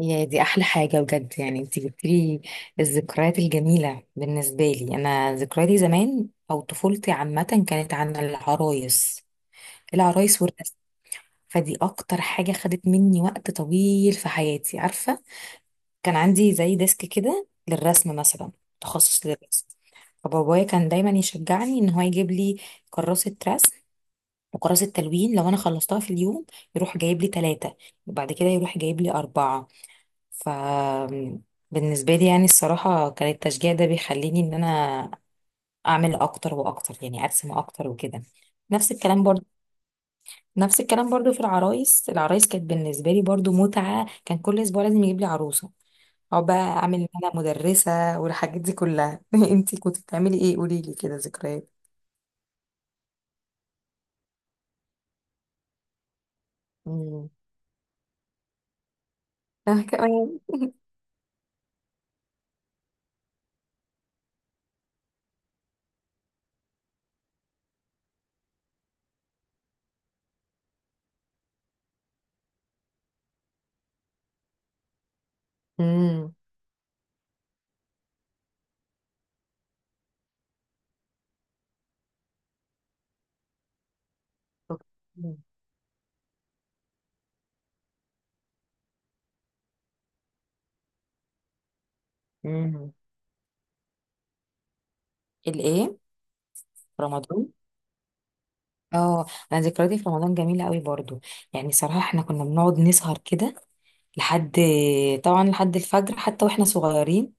يا دي احلى حاجه بجد، يعني انت جبتلي الذكريات الجميله. بالنسبه لي انا، ذكرياتي زمان او طفولتي عامه كانت عن العرايس. العرايس والرسم، فدي اكتر حاجه خدت مني وقت طويل في حياتي، عارفه. كان عندي زي ديسك كده للرسم مثلا، تخصص للرسم. فبابايا كان دايما يشجعني ان هو يجيب لي كراسه رسم وكراسه تلوين. لو انا خلصتها في اليوم يروح جايب لي ثلاثه، وبعد كده يروح جايب لي اربعه. ف بالنسبة لي يعني الصراحة كان التشجيع ده بيخليني ان انا اعمل اكتر واكتر، يعني ارسم اكتر وكده. نفس الكلام برضو نفس الكلام برضو في العرايس. العرايس كانت بالنسبة لي برضو متعة، كان كل اسبوع لازم يجيب لي عروسة، او بقى اعمل ان انا مدرسة والحاجات دي كلها. انتي كنت بتعملي ايه؟ قولي لي كده ذكريات. امم. انا كمان. امم. اوكي. امم. الايه؟ رمضان؟ اه. انا ذكرياتي في رمضان جميله قوي برضو. يعني صراحه احنا كنا بنقعد نسهر كده لحد، طبعا لحد الفجر، حتى واحنا صغيرين.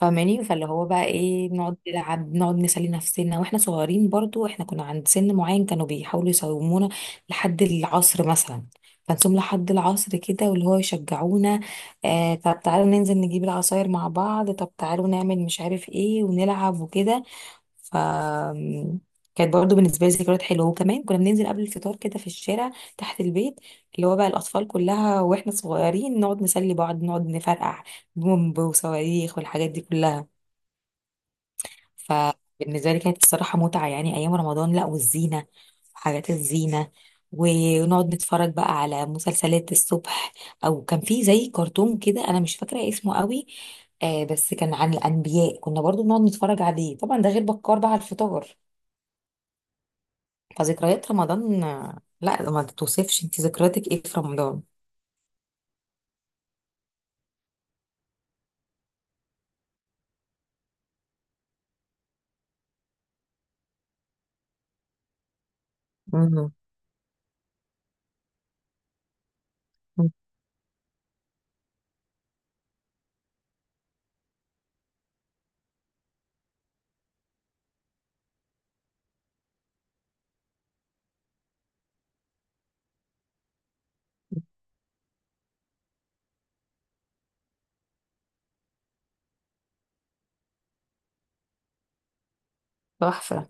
فاهماني؟ فاللي هو بقى ايه، بنقعد نلعب، بنقعد نسلي نفسنا واحنا صغيرين. برضو احنا كنا عند سن معين كانوا بيحاولوا يصومونا لحد العصر مثلا، فنصوم لحد العصر كده، واللي هو يشجعونا. آه طب تعالوا ننزل نجيب العصاير مع بعض، طب تعالوا نعمل مش عارف ايه ونلعب وكده. ف كانت برضه بالنسبه لي ذكريات حلوه. وكمان كنا بننزل قبل الفطار كده في الشارع، تحت البيت، اللي هو بقى الاطفال كلها واحنا صغيرين، نقعد نسلي بعض، نقعد نفرقع بومب وصواريخ والحاجات دي كلها. فبالنسبه لي كانت الصراحه متعه، يعني ايام رمضان، لا والزينه، حاجات الزينه، ونقعد نتفرج بقى على مسلسلات الصبح. او كان في زي كرتون كده انا مش فاكره اسمه قوي، آه، بس كان عن الانبياء، كنا برضو بنقعد نتفرج عليه. طبعا ده غير بكار بقى على الفطار. فذكريات رمضان آه، لا. ما توصفش انت ذكرياتك ايه في رمضان؟ مم. مم. تحفة.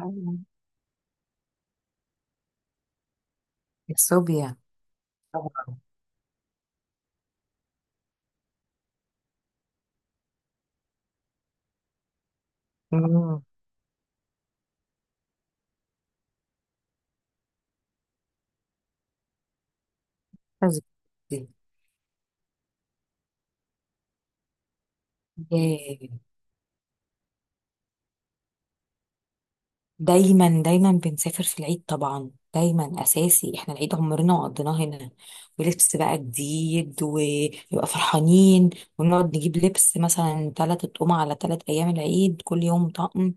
أيوة. الصوبيا. طبعا. مم. دي. ياه. دايما دايما بنسافر في العيد، طبعا دايما اساسي، احنا العيد عمرنا ما قضيناه هنا، ولبس بقى جديد ويبقى فرحانين. ونقعد نجيب لبس مثلا تلات اطقم على تلات ايام العيد، كل يوم طقم.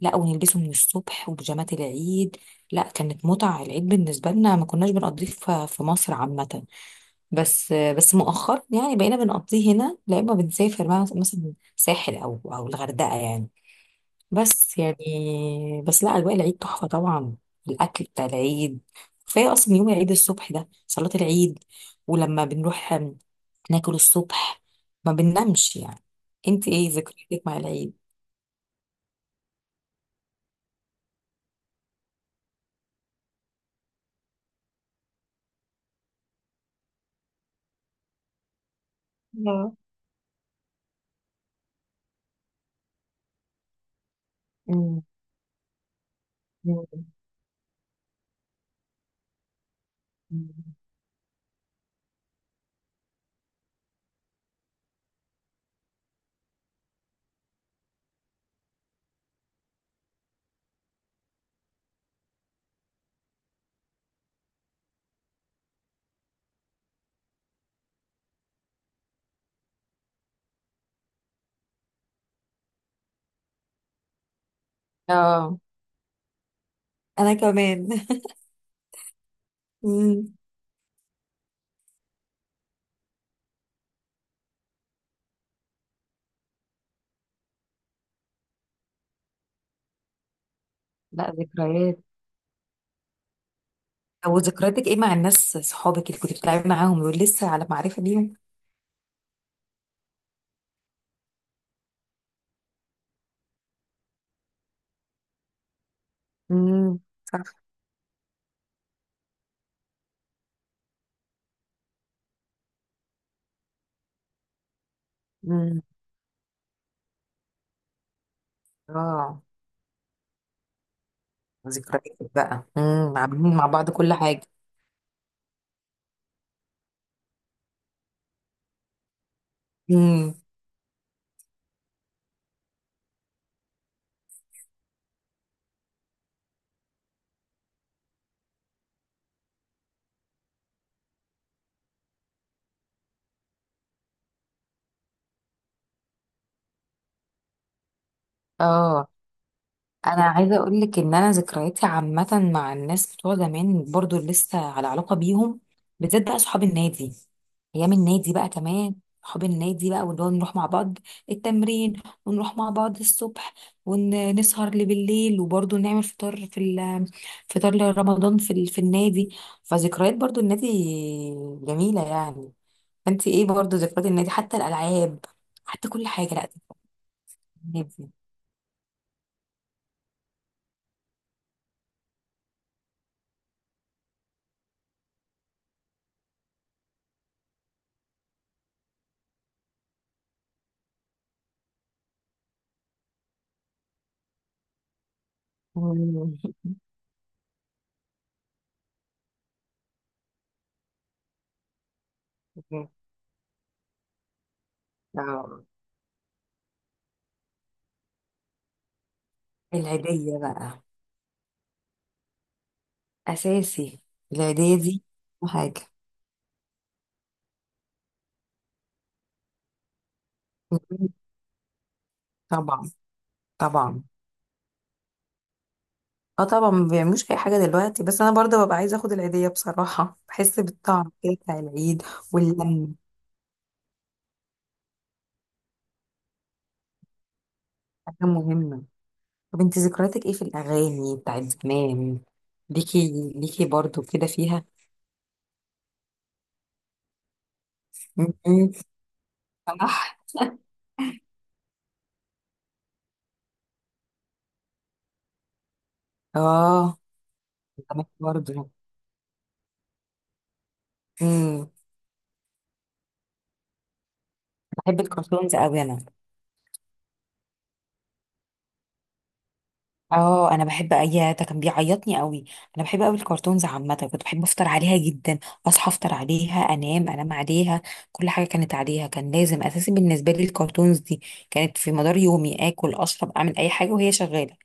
لا ونلبسه من الصبح، وبيجامات العيد. لا كانت متعة العيد بالنسبة لنا. ما كناش بنقضيه في مصر عامة، بس بس مؤخرا يعني بقينا بنقضيه هنا. لا اما بنسافر مثلا ساحل او الغردقة يعني، بس يعني، بس لا اجواء العيد تحفه طبعا. الاكل بتاع العيد كفايه. اصلا يوم العيد الصبح ده صلاه العيد، ولما بنروح ناكل الصبح ما بننامش يعني. انت ايه ذكرياتك مع العيد؟ اه. مم. مم. مم. اه انا كمان. مم. لا ذكريات. او ذكرياتك ايه مع الناس صحابك اللي كنت بتلعبي معاهم؟ دول لسه على معرفه بيهم؟ امم. صح. امم. اه. ذكريات بقى. عاملين مع بعض كل حاجه. امم. اه. انا عايزه اقول لك ان انا ذكرياتي عامه مع الناس بتوع زمان برضو اللي لسه على علاقه بيهم، بالذات بقى صحاب النادي. ايام النادي بقى كمان. صحاب النادي بقى، واللي هو نروح مع بعض التمرين، ونروح مع بعض الصبح، ونسهر لبالليل، وبرضو نعمل فطار فطار لرمضان في النادي. فذكريات برضو النادي جميله يعني. فانت ايه برضو ذكريات النادي، حتى الالعاب، حتى كل حاجه؟ لا. النادي. مم. مم. اه. العيدية بقى. أساسي. العيدية دي. حاجة. مم. طبعا. طبعا. اه طبعا ما بيعملوش أي حاجة دلوقتي، بس أنا برضه ببقى عايزة أخد العيدية، بصراحة بحس بالطعم كده بتاع العيد. واللم. حاجة مهمة. طب انت ذكرياتك ايه في الأغاني بتاعت زمان؟ ليكي ليكي برضه كده فيها. مم. صح. اه. زمان برضه. مم. بحب الكرتونز أوي أنا. اه انا بحب، اي ده كان بيعيطني قوي. انا بحب قوي الكرتونز عامه، كنت بحب افطر عليها جدا، اصحى افطر عليها، انام عليها. كل حاجه كانت عليها، كان لازم اساسي بالنسبه لي الكرتونز دي. كانت في مدار يومي، اكل اشرب اعمل اي حاجه وهي شغاله،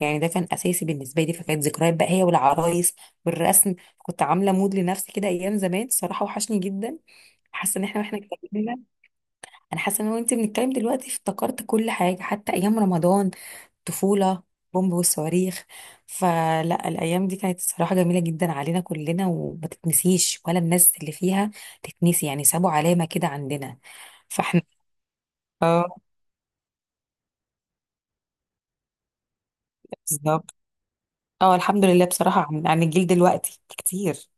يعني ده كان اساسي بالنسبه لي. فكانت ذكريات بقى هي والعرايس والرسم. كنت عامله مود لنفسي كده ايام زمان الصراحه، وحشني جدا. حاسه ان احنا واحنا اتكلمنا، انا حاسه ان انا وانت بنتكلم دلوقتي افتكرت كل حاجه، حتى ايام رمضان، طفولة، بومب والصواريخ. فلا الأيام دي كانت الصراحة جميلة جدا علينا كلنا وما تتنسيش، ولا الناس اللي فيها تتنسي، يعني سابوا علامة كده عندنا. فاحنا، اه، بالظبط. اه الحمد لله بصراحة عن الجيل دلوقتي كتير.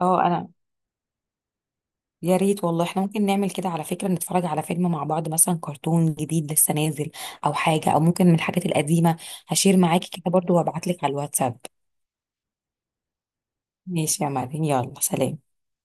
اه أنا، يا ريت والله، احنا ممكن نعمل كده على فكرة، نتفرج على فيلم مع بعض مثلا، كرتون جديد لسه نازل أو حاجة، أو ممكن من الحاجات القديمة. هشير معاكي كده برضو وابعتلك على الواتساب. ماشي يا مريم، يلا سلام.